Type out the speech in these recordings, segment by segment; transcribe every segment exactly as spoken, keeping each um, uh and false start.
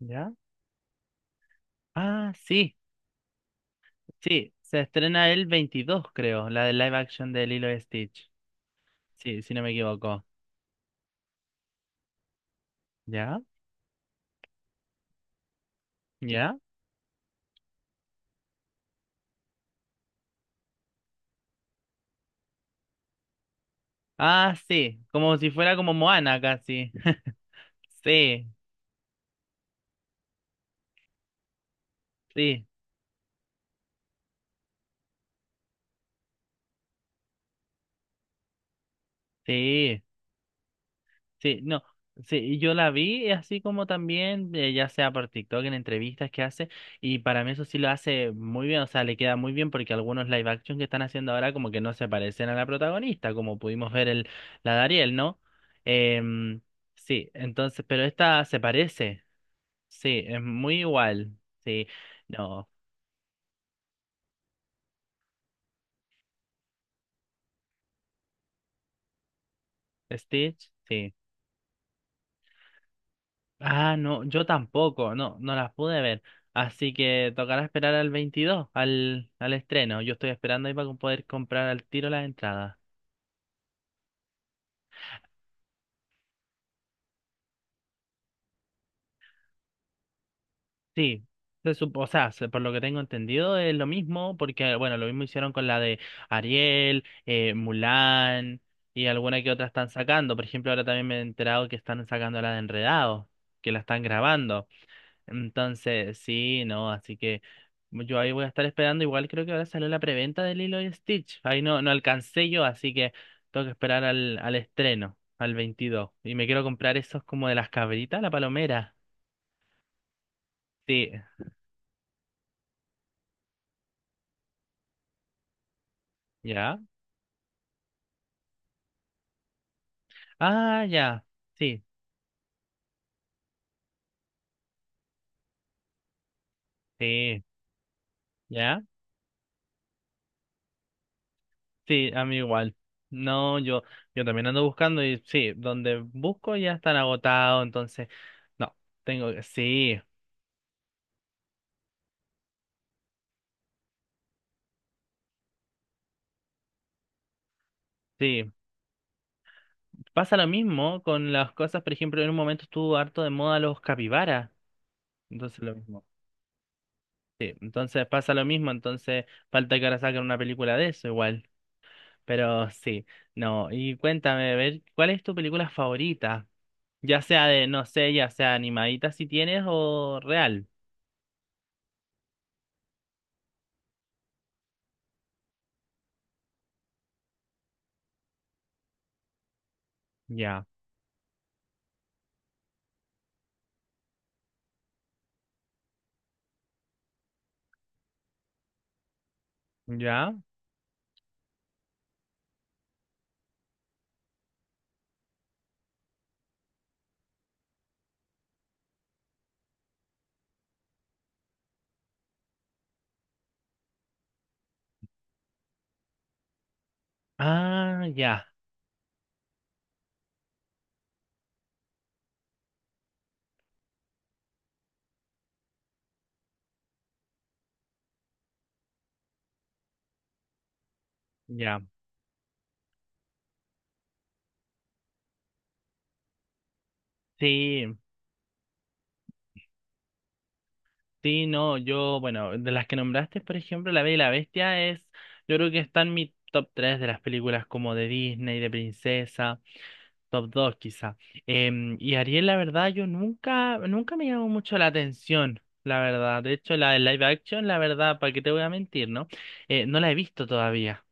¿Ya? Ah, sí, sí. Se estrena el veintidós, creo, la de live action de Lilo y Stitch. Sí, si no me equivoco. ¿Ya? ¿Ya? Ah, sí. Como si fuera como Moana casi. Sí, sí, sí. Sí, no, sí, y yo la vi así como también, eh, ya sea por TikTok, en entrevistas que hace, y para mí eso sí lo hace muy bien, o sea, le queda muy bien porque algunos live action que están haciendo ahora como que no se parecen a la protagonista, como pudimos ver el, la de Ariel, ¿no? Em, sí, entonces, pero esta se parece, sí, es muy igual, sí, no, Stitch, sí. Ah, no, yo tampoco, no, no las pude ver. Así que tocará esperar al veintidós, al, al estreno. Yo estoy esperando ahí para poder comprar al tiro las entradas. Sí, se supo, o sea, se- por lo que tengo entendido es lo mismo, porque, bueno, lo mismo hicieron con la de Ariel, eh, Mulan y alguna que otra están sacando. Por ejemplo, ahora también me he enterado que están sacando la de Enredados, que la están grabando. Entonces, sí, no, así que yo ahí voy a estar esperando. Igual creo que ahora salió la preventa de Lilo y Stitch. Ahí no, no alcancé yo, así que tengo que esperar al, al estreno, al veintidós. Y me quiero comprar esos como de las cabritas, la palomera. Sí, ¿ya? Ah, ya, sí, sí, ¿ya? Sí, a mí igual. No, yo, yo también ando buscando y sí, donde busco ya están agotados, entonces, no, tengo que, sí. Sí, pasa lo mismo con las cosas, por ejemplo, en un momento estuvo harto de moda los capibaras. Entonces lo mismo. Sí, entonces pasa lo mismo, entonces falta que ahora saquen una película de eso igual. Pero sí, no. Y cuéntame, a ver, ¿cuál es tu película favorita? Ya sea de, no sé, ya sea animadita si tienes o real. Ya, ya. Ah, ya, ya. Sí, sí, no, yo, bueno, de las que nombraste, por ejemplo, La Bella y la Bestia es, yo creo que está en mi top tres de las películas como de Disney, de princesa, top dos quizá. Em, y Ariel, la verdad, yo nunca, nunca me llamó mucho la atención, la verdad. De hecho, la de live action, la verdad, ¿para qué te voy a mentir, no? Eh, no la he visto todavía.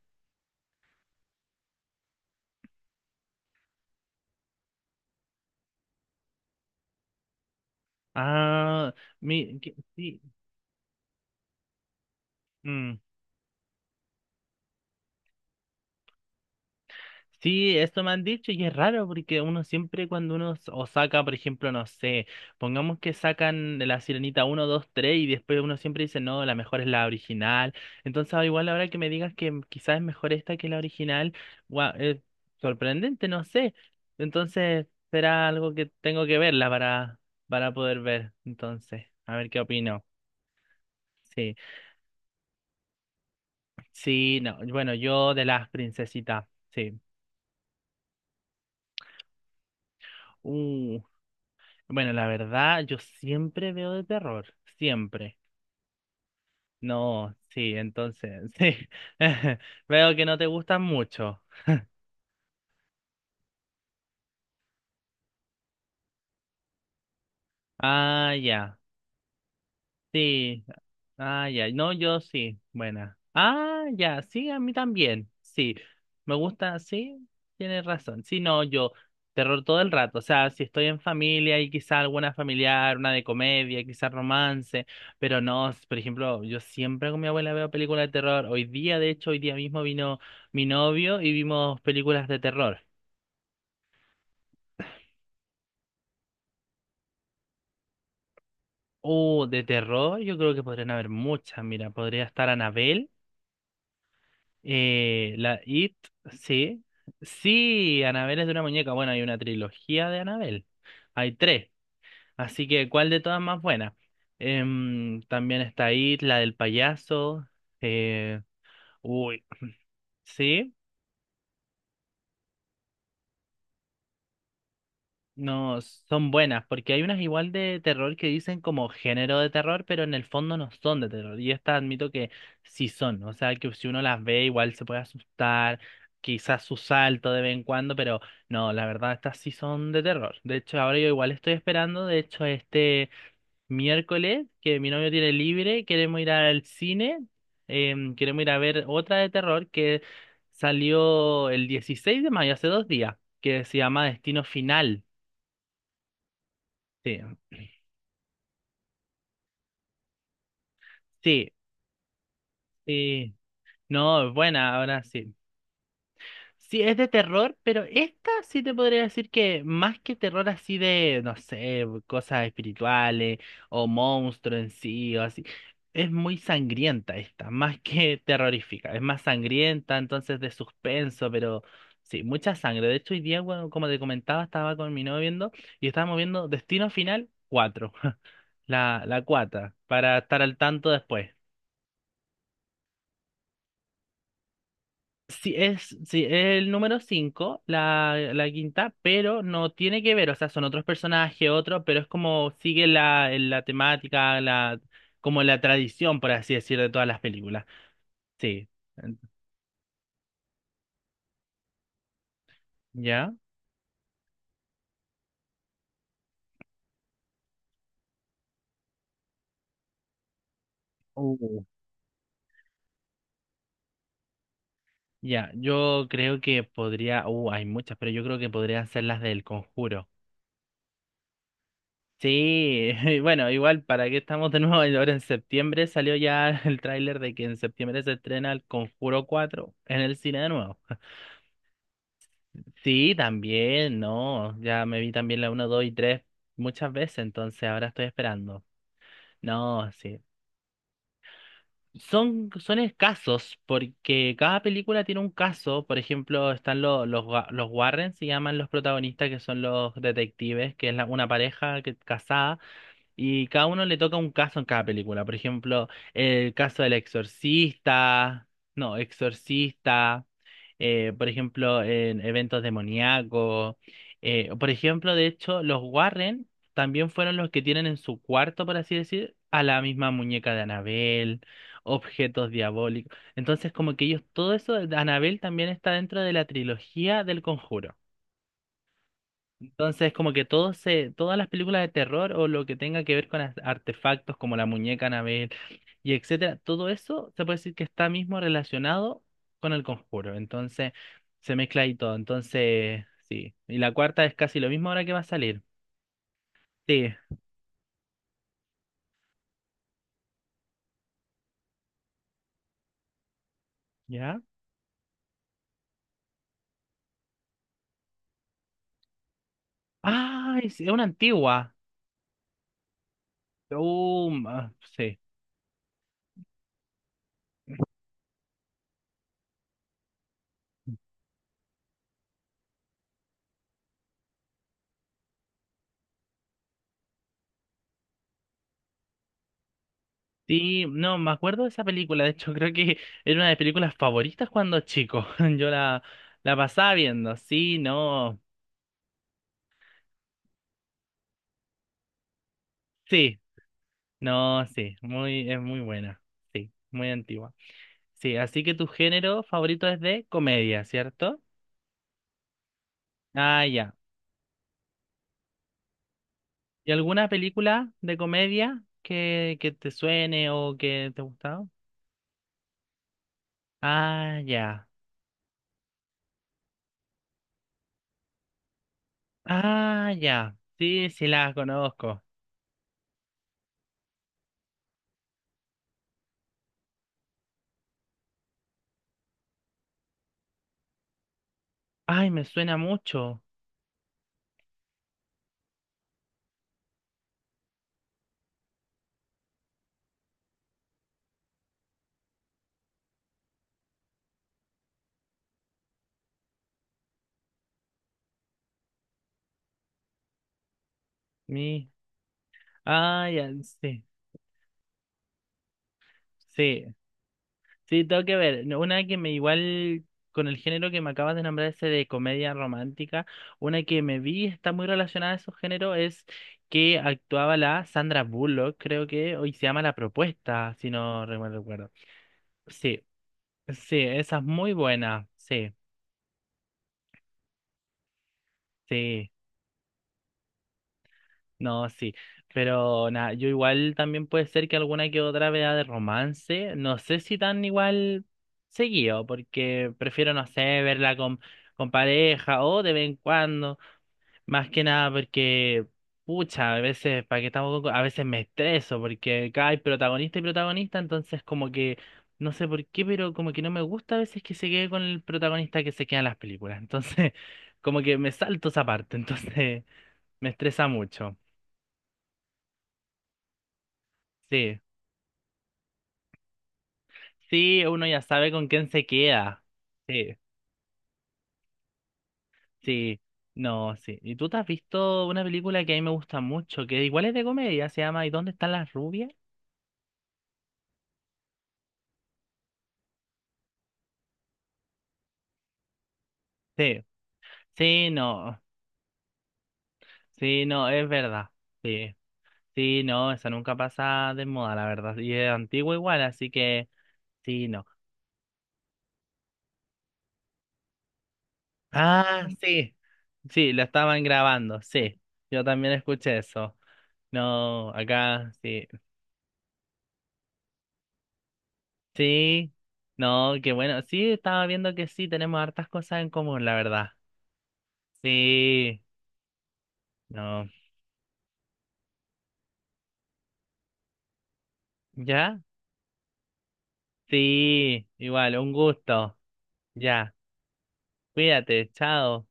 Ah, mi, que- sí. mm. Sí, eso me han dicho y es raro porque uno siempre cuando uno s- o saca, por ejemplo, no sé, pongamos que sacan de la Sirenita uno, dos, tres y después uno siempre dice, no, la mejor es la original. Entonces, ah, igual ahora que me digas que m- quizás es mejor esta que la original, guau, es sorprendente, no sé. Entonces, será algo que tengo que verla para, para poder ver. Entonces, a ver qué opino. Sí, sí, no. Bueno, yo de las princesitas, sí. Uh. Bueno, la verdad, yo siempre veo de terror, siempre. No, sí, entonces, sí. Veo que no te gustan mucho. Ah, ya. Sí. Ah, ya. No, yo sí. Buena. Ah, ya. Sí, a mí también. Sí. Me gusta. Sí, tienes razón. Sí, no, yo. Terror todo el rato. O sea, si estoy en familia y quizá alguna familiar, una de comedia, quizá romance. Pero no, s- por ejemplo, yo siempre con mi abuela veo películas de terror. Hoy día, de hecho, hoy día mismo vino mi novio y vimos películas de terror. Uh, de terror, yo creo que podrían haber muchas. Mira, podría estar Anabel. Eh, la It, sí. Sí, Anabel es de una muñeca. Bueno, hay una trilogía de Anabel. Hay tres. Así que, ¿cuál de todas más buena? Em, también está It, la del payaso. Eh, uy, sí. No, son buenas, porque hay unas igual de terror que dicen como género de terror, pero en el fondo no son de terror. Y estas admito que sí son, o sea, que si uno las ve igual se puede asustar, quizás su salto de vez en cuando, pero no, la verdad estas sí son de terror. De hecho, ahora yo igual estoy esperando, de hecho, este miércoles que mi novio tiene libre, queremos ir al cine, em, queremos ir a ver otra de terror que salió el dieciséis de mayo, hace dos días, que se llama Destino Final. Sí, sí, sí. No, es buena, ahora sí. Sí, es de terror, pero esta sí te podría decir que más que terror así de, no sé, cosas espirituales o monstruos en sí o así, es muy sangrienta esta, más que terrorífica, es más sangrienta, entonces de suspenso, pero sí, mucha sangre. De hecho, hoy día, bueno, como te comentaba, estaba con mi novio viendo y estábamos viendo Destino Final cuatro, la, la cuata, para estar al tanto después. Sí, es, sí, es el número cinco la, la quinta, pero no tiene que ver, o sea, son otros personajes, otros, pero es como sigue la, la temática, la, como la tradición, por así decirlo, de todas las películas. Sí, Ent- ¿ya? Uh. Ya, yo creo que podría, uh, hay muchas, pero yo creo que podrían ser las del Conjuro. Sí, bueno, igual, ¿para qué estamos de nuevo? Ahora en septiembre salió ya el tráiler de que en septiembre se estrena el Conjuro cuatro en el cine de nuevo. Sí, también, no, ya me vi también la uno dos y tres muchas veces, entonces ahora estoy esperando. No, sí. Son, son escasos porque cada película tiene un caso, por ejemplo, están lo- los, Wa- los Warren, se llaman los protagonistas, que son los detectives, que es la- una pareja que, casada. Y cada uno le toca un caso en cada película. Por ejemplo, el caso del exorcista. No, exorcista. Eh, por ejemplo, en eventos demoníacos. Eh, por ejemplo, de hecho, los Warren también fueron los que tienen en su cuarto, por así decir, a la misma muñeca de Annabelle, objetos diabólicos. Entonces, como que ellos, todo eso, Annabelle también está dentro de la trilogía del Conjuro. Entonces, como que todo se, todas las películas de terror o lo que tenga que ver con ar- artefactos como la muñeca Anabel y etcétera, todo eso se puede decir que está mismo relacionado con el conjuro. Entonces, se mezcla ahí todo. Entonces, sí. Y la cuarta es casi lo mismo ahora que va a salir. Sí. ¿Ya? Ah, es es una antigua. Uh, ah, sí. Sí, no, me acuerdo de esa película. De hecho, creo que era una de mis películas favoritas cuando chico. Yo la, la pasaba viendo. Sí, no. Sí, no, sí, muy, es muy buena. Sí, muy antigua. Sí, así que tu género favorito es de comedia, ¿cierto? Ah, ya. ¿Y alguna película de comedia que, que te suene o que te ha gustado? Ah, ya. Ah, ya. Sí, sí, la conozco. Ay, me suena mucho. Mi... Ah, ya, sí. Sí, sí, tengo que ver. No, una que me igual con el género que me acabas de nombrar, ese de comedia romántica, una que me vi está muy relacionada a esos géneros, es que actuaba la Sandra Bullock, creo que hoy se llama La Propuesta, si no re- mal recuerdo. Sí, sí, esa es muy buena, sí, sí. No, sí, pero nada, yo igual también puede ser que alguna que otra vea de romance, no sé si tan igual seguido, porque prefiero, no sé, verla con, con pareja o de vez en cuando, más que nada porque, pucha, a veces, para que estamos, con- a veces me estreso, porque acá hay protagonista y protagonista, entonces como que, no sé por qué, pero como que no me gusta a veces que se quede con el protagonista que se queda en las películas, entonces como que me salto esa parte, entonces me estresa mucho. Sí. Sí, uno ya sabe con quién se queda. Sí, sí, no, sí. ¿Y tú te has visto una película que a mí me gusta mucho, que igual es de comedia, se llama ¿Y dónde están las rubias? Sí, sí, no, sí, no, es verdad. Sí, sí, no, esa nunca pasa de moda, la verdad. Y es antigua igual, así que sí, no. Ah, sí, sí, la estaban grabando, sí. Yo también escuché eso. No, acá sí. Sí, no, qué bueno. Sí, estaba viendo que sí, tenemos hartas cosas en común, la verdad. Sí, no. ¿Ya? Sí, igual, un gusto. Ya, cuídate, chao.